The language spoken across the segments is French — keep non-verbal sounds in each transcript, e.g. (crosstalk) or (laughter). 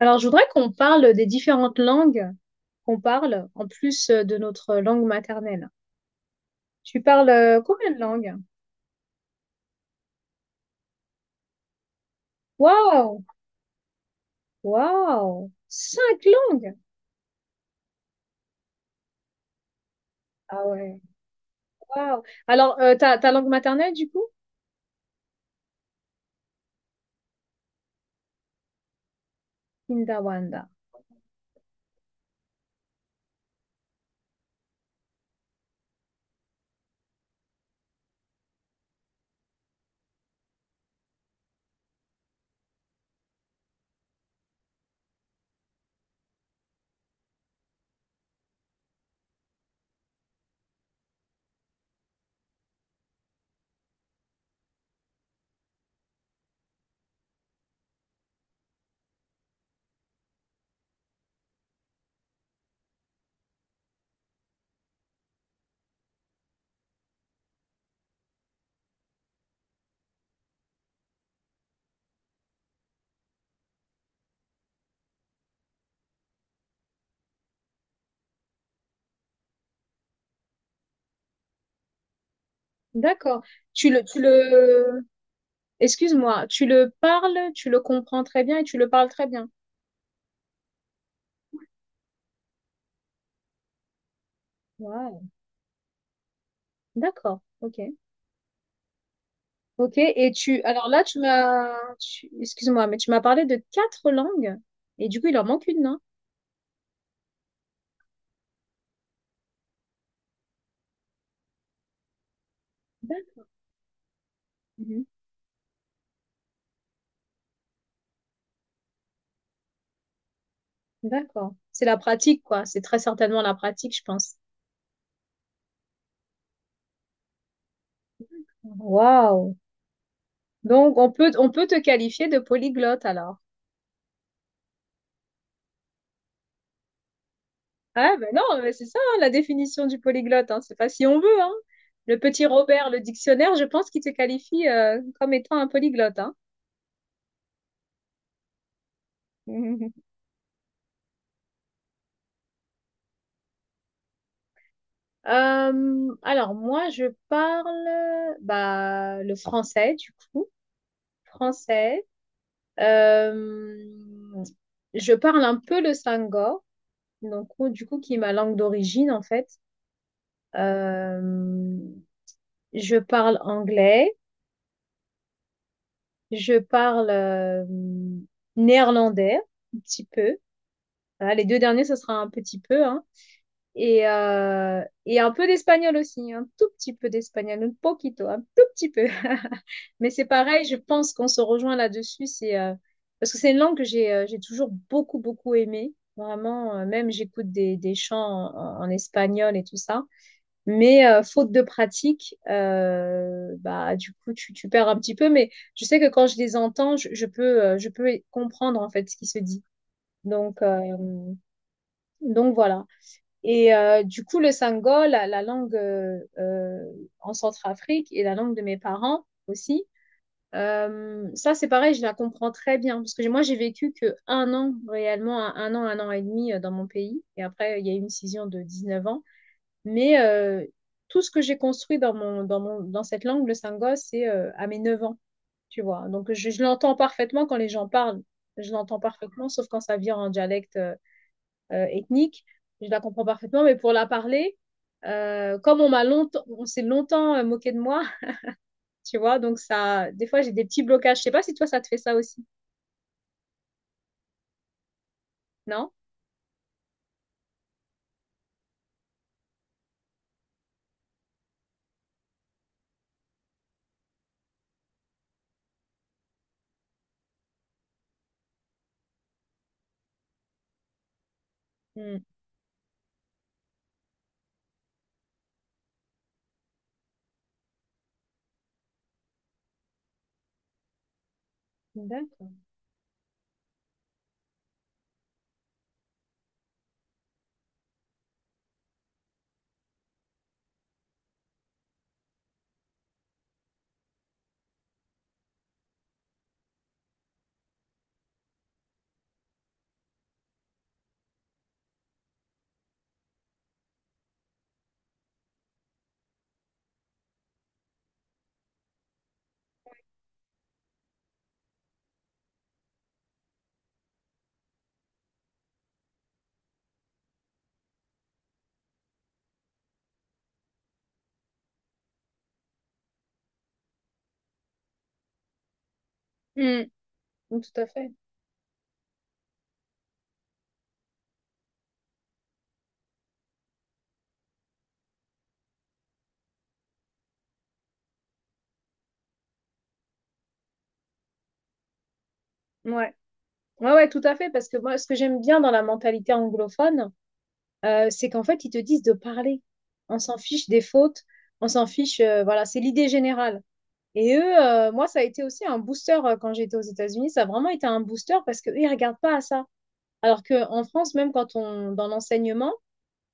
Alors, je voudrais qu'on parle des différentes langues qu'on parle en plus de notre langue maternelle. Tu parles combien de langues? Waouh! Waouh! Cinq langues! Ah ouais, waouh! Alors, ta langue maternelle, du coup? Kindawanda. D'accord. Tu le, tu le, Excuse-moi, tu le parles, tu le comprends très bien et tu le parles très bien. Waouh! D'accord. Ok. Ok. Et tu, alors là, tu m'as, tu- excuse-moi, mais tu m'as parlé de quatre langues et du coup, il en manque une, non? D'ac- mhm. D'accord. C'est la pratique, quoi. C'est très certainement la pratique, je pense. Waouh. Donc, on peut te qualifier de polyglotte, alors. Ah, ben non, mais c'est ça, hein, la définition du polyglotte, hein. C'est pas si on veut, hein. Le petit Robert, le dictionnaire, je pense qu'il te qualifie, comme étant un polyglotte, hein. (laughs) Alors moi je parle bah, le français du coup français. Euh, je parle un peu le sangor. Donc, oh, du coup, qui est ma langue d'origine, en fait. Euh, je parle anglais, je parle néerlandais, un petit peu. Voilà, les deux derniers, ce sera un petit peu, hein. Et un peu d'espagnol aussi, un tout petit peu d'espagnol, un poquito, un tout petit peu. (laughs) Mais c'est pareil, je pense qu'on se rejoint là-dessus, c'est parce que c'est une langue que j'ai toujours beaucoup, beaucoup aimée. Vraiment, même j'écoute des chants en espagnol et tout ça. Mais faute de pratique, bah, du coup, tu perds un petit peu. Mais je sais que quand je les entends, je peux comprendre en fait ce qui se dit. Donc, euh, donc voilà. Et du coup, le sango, la langue en Centrafrique et la langue de mes parents aussi, ça c'est pareil, je la comprends très bien. Moi, j'ai vécu que un an réellement, un an et demi dans mon pays. Et après, il y a eu une scission de 19 ans. Mais tout ce que j'ai construit dans cette langue, le sango, c'est à mes 9 ans, tu vois. Donc, je l'entends parfaitement quand les gens parlent. Je l'entends parfaitement, sauf quand ça vient en dialecte ethnique. Je la comprends parfaitement, mais pour la parler, comme on s'est longtemps moqué de moi, (laughs) tu vois. Donc, ça, des fois, j'ai des petits blocages. Je sais pas si toi, ça te fait ça aussi, non? Hmm. D'accord. Hmm. Tout à fait. Ouais. Ouais, tout à fait. Parce que moi, ce que j'aime bien dans la mentalité anglophone, c'est qu'en fait, ils te disent de parler. On s'en fiche des fautes, on s'en fiche, voilà, c'est l'idée générale. Et eux, moi, ça a été aussi un booster quand j'étais aux États-Unis. Ça a vraiment été un booster parce qu'eux, ils ne regardent pas à ça. Alors qu'en France, même dans l'enseignement,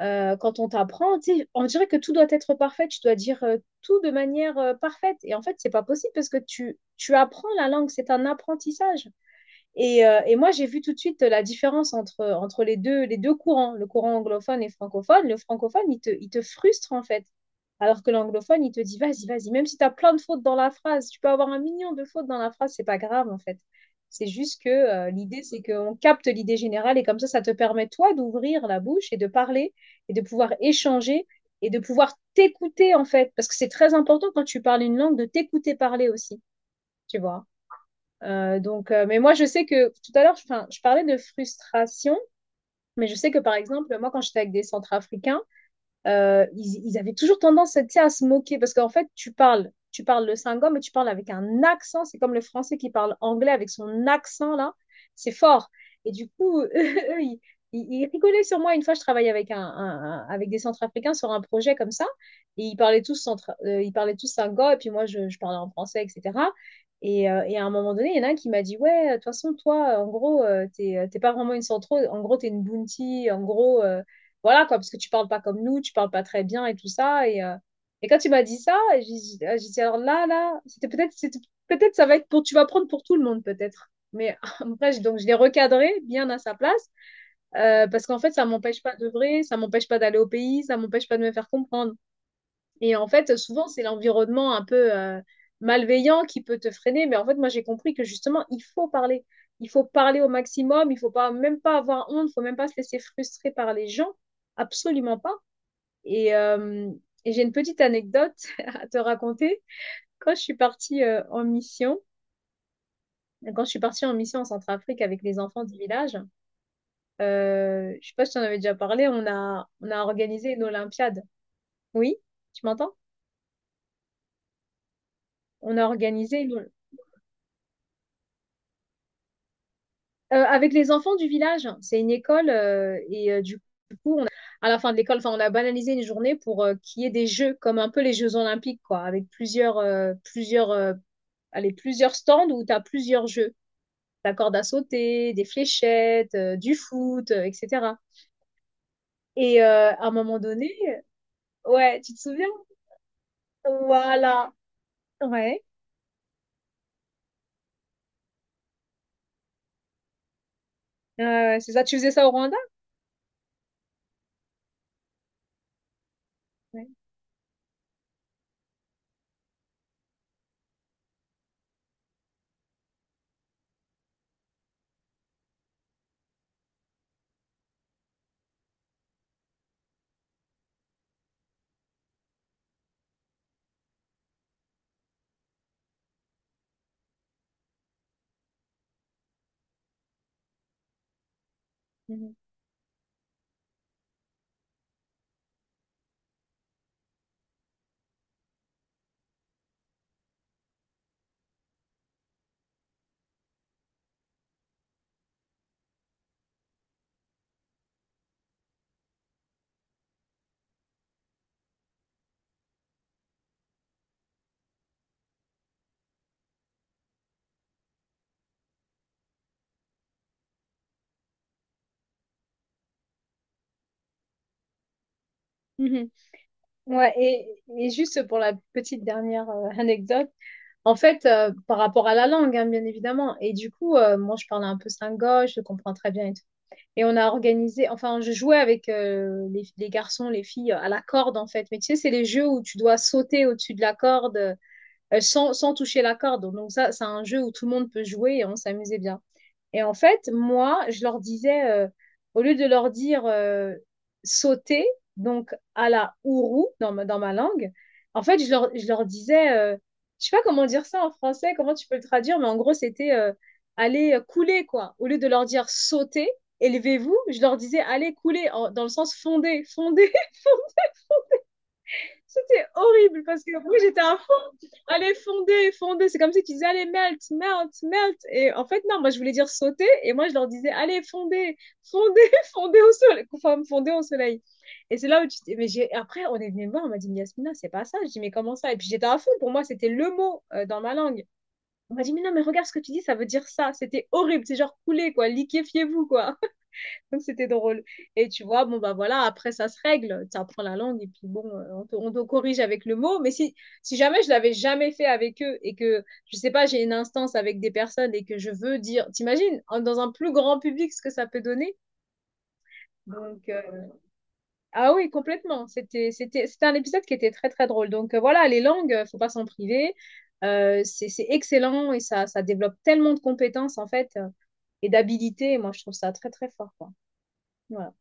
quand on t'apprend, tu sais, on dirait que tout doit être parfait. Tu dois dire tout de manière parfaite. Et en fait, c'est pas possible parce que tu apprends la langue. C'est un apprentissage. Et moi, j'ai vu tout de suite la différence entre les deux courants, le courant anglophone et francophone. Le francophone, il te frustre en fait. Alors que l'anglophone, il te dit, vas-y, vas-y, même si tu as plein de fautes dans la phrase, tu peux avoir un million de fautes dans la phrase, c'est pas grave en fait. C'est juste que l'idée, c'est qu'on capte l'idée générale et comme ça te permet, toi, d'ouvrir la bouche et de parler et de pouvoir échanger et de pouvoir t'écouter, en fait. Parce que c'est très important quand tu parles une langue de t'écouter parler aussi, tu vois. Donc, mais moi, je sais que tout à l'heure, 'fin, je parlais de frustration, mais je sais que par exemple, moi, quand j'étais avec des centrafricains, ils avaient toujours tendance, tu sais, à se moquer parce qu'en fait, tu parles le singom, mais tu parles avec un accent. C'est comme le français qui parle anglais avec son accent là, c'est fort. Et du coup, (laughs) eux, ils, ils rigolaient sur moi. Une fois, je travaillais avec avec des Centrafricains sur un projet comme ça, et ils parlaient tous singom, et puis moi, je parlais en français, etc. Et à un moment donné, il y en a un qui m'a dit, ouais, de toute façon, toi, en gros, t'es, t'es pas vraiment une centro, en gros, t'es une bounty, en gros. Voilà, quoi, parce que tu parles pas comme nous, tu parles pas très bien et tout ça. Et quand tu m'as dit ça, j'ai dit, alors là, là, c'était peut-être, peut-être ça va être pour, tu vas prendre pour tout le monde, peut-être. Mais (laughs) après, donc je l'ai recadré bien à sa place, parce qu'en fait, ça m'empêche pas d'œuvrer, ça m'empêche pas d'aller au pays, ça m'empêche pas de me faire comprendre. Et en fait, souvent, c'est l'environnement un peu malveillant qui peut te freiner, mais en fait, moi, j'ai compris que justement, il faut parler. Il faut parler au maximum, il faut pas, même pas avoir honte, il faut même pas se laisser frustrer par les gens. Absolument pas. Et, euh, et j'ai une petite anecdote (laughs) à te raconter. Quand je suis partie en mission, quand je suis partie en mission en Centrafrique avec les enfants du village, je sais pas si tu en avais déjà parlé, on a organisé une Olympiade. Oui, tu m'entends? On a organisé une... Avec les enfants du village. C'est une école et du à la fin de l'école, enfin, on a banalisé une journée pour qu'il y ait des jeux, comme un peu les Jeux Olympiques, quoi, avec plusieurs, allez, plusieurs stands où tu as plusieurs jeux. La corde à sauter, des fléchettes, du foot, etc. Et à un moment donné, ouais, tu te souviens? Voilà. Ouais. C'est ça, tu faisais ça au Rwanda? Ouais. Mhm. Mhm. Ouais, et juste pour la petite dernière anecdote, en fait, par rapport à la langue, hein, bien évidemment, et du coup, moi, je parlais un peu slingoche, je le comprends très bien et tout. Et on a organisé, enfin, je jouais avec les garçons, les filles à la corde, en fait. Mais tu sais, c'est les jeux où tu dois sauter au-dessus de la corde, sans toucher la corde. Donc ça, c'est un jeu où tout le monde peut jouer et on s'amusait bien. Et en fait, moi, je leur disais, au lieu de leur dire sauter, donc à la ourou dans ma langue, en fait, je leur disais, je sais pas comment dire ça en français, comment tu peux le traduire, mais en gros, c'était aller couler, quoi. Au lieu de leur dire sauter, élevez-vous, je leur disais allez couler, dans le sens fonder, fonder, (laughs) c'était horrible parce que moi j'étais à fond. Allez, fonder, fonder. C'est comme si tu disais allez, melt, melt, melt. Et en fait, non, moi je voulais dire sauter et moi je leur disais allez, fonder, fonder, (laughs) fonder au soleil. Enfin, fonder au soleil. Et c'est là où mais j'ai... après, on est venu me voir, on m'a dit mais Yasmina, c'est pas ça. Je dis mais comment ça? Et puis j'étais à fond. Pour moi, c'était le mot dans ma langue. On m'a dit mais non, mais regarde ce que tu dis, ça veut dire ça. C'était horrible. C'est genre couler, quoi. Liquéfiez-vous, quoi. (laughs) Donc, c'était drôle. Et tu vois, bon, bah voilà, après, ça se règle. Tu apprends la langue et puis bon, on te corrige avec le mot. Mais si, si jamais je l'avais jamais fait avec eux et que, je sais pas, j'ai une instance avec des personnes et que je veux dire, t'imagines, dans un plus grand public, ce que ça peut donner? Donc, ah oui, complètement. C'était un épisode qui était très, très drôle. Donc, voilà, les langues, faut pas s'en priver. C'est excellent et ça développe tellement de compétences, en fait, et d'habilités. Moi, je trouve ça très, très fort, quoi. Voilà.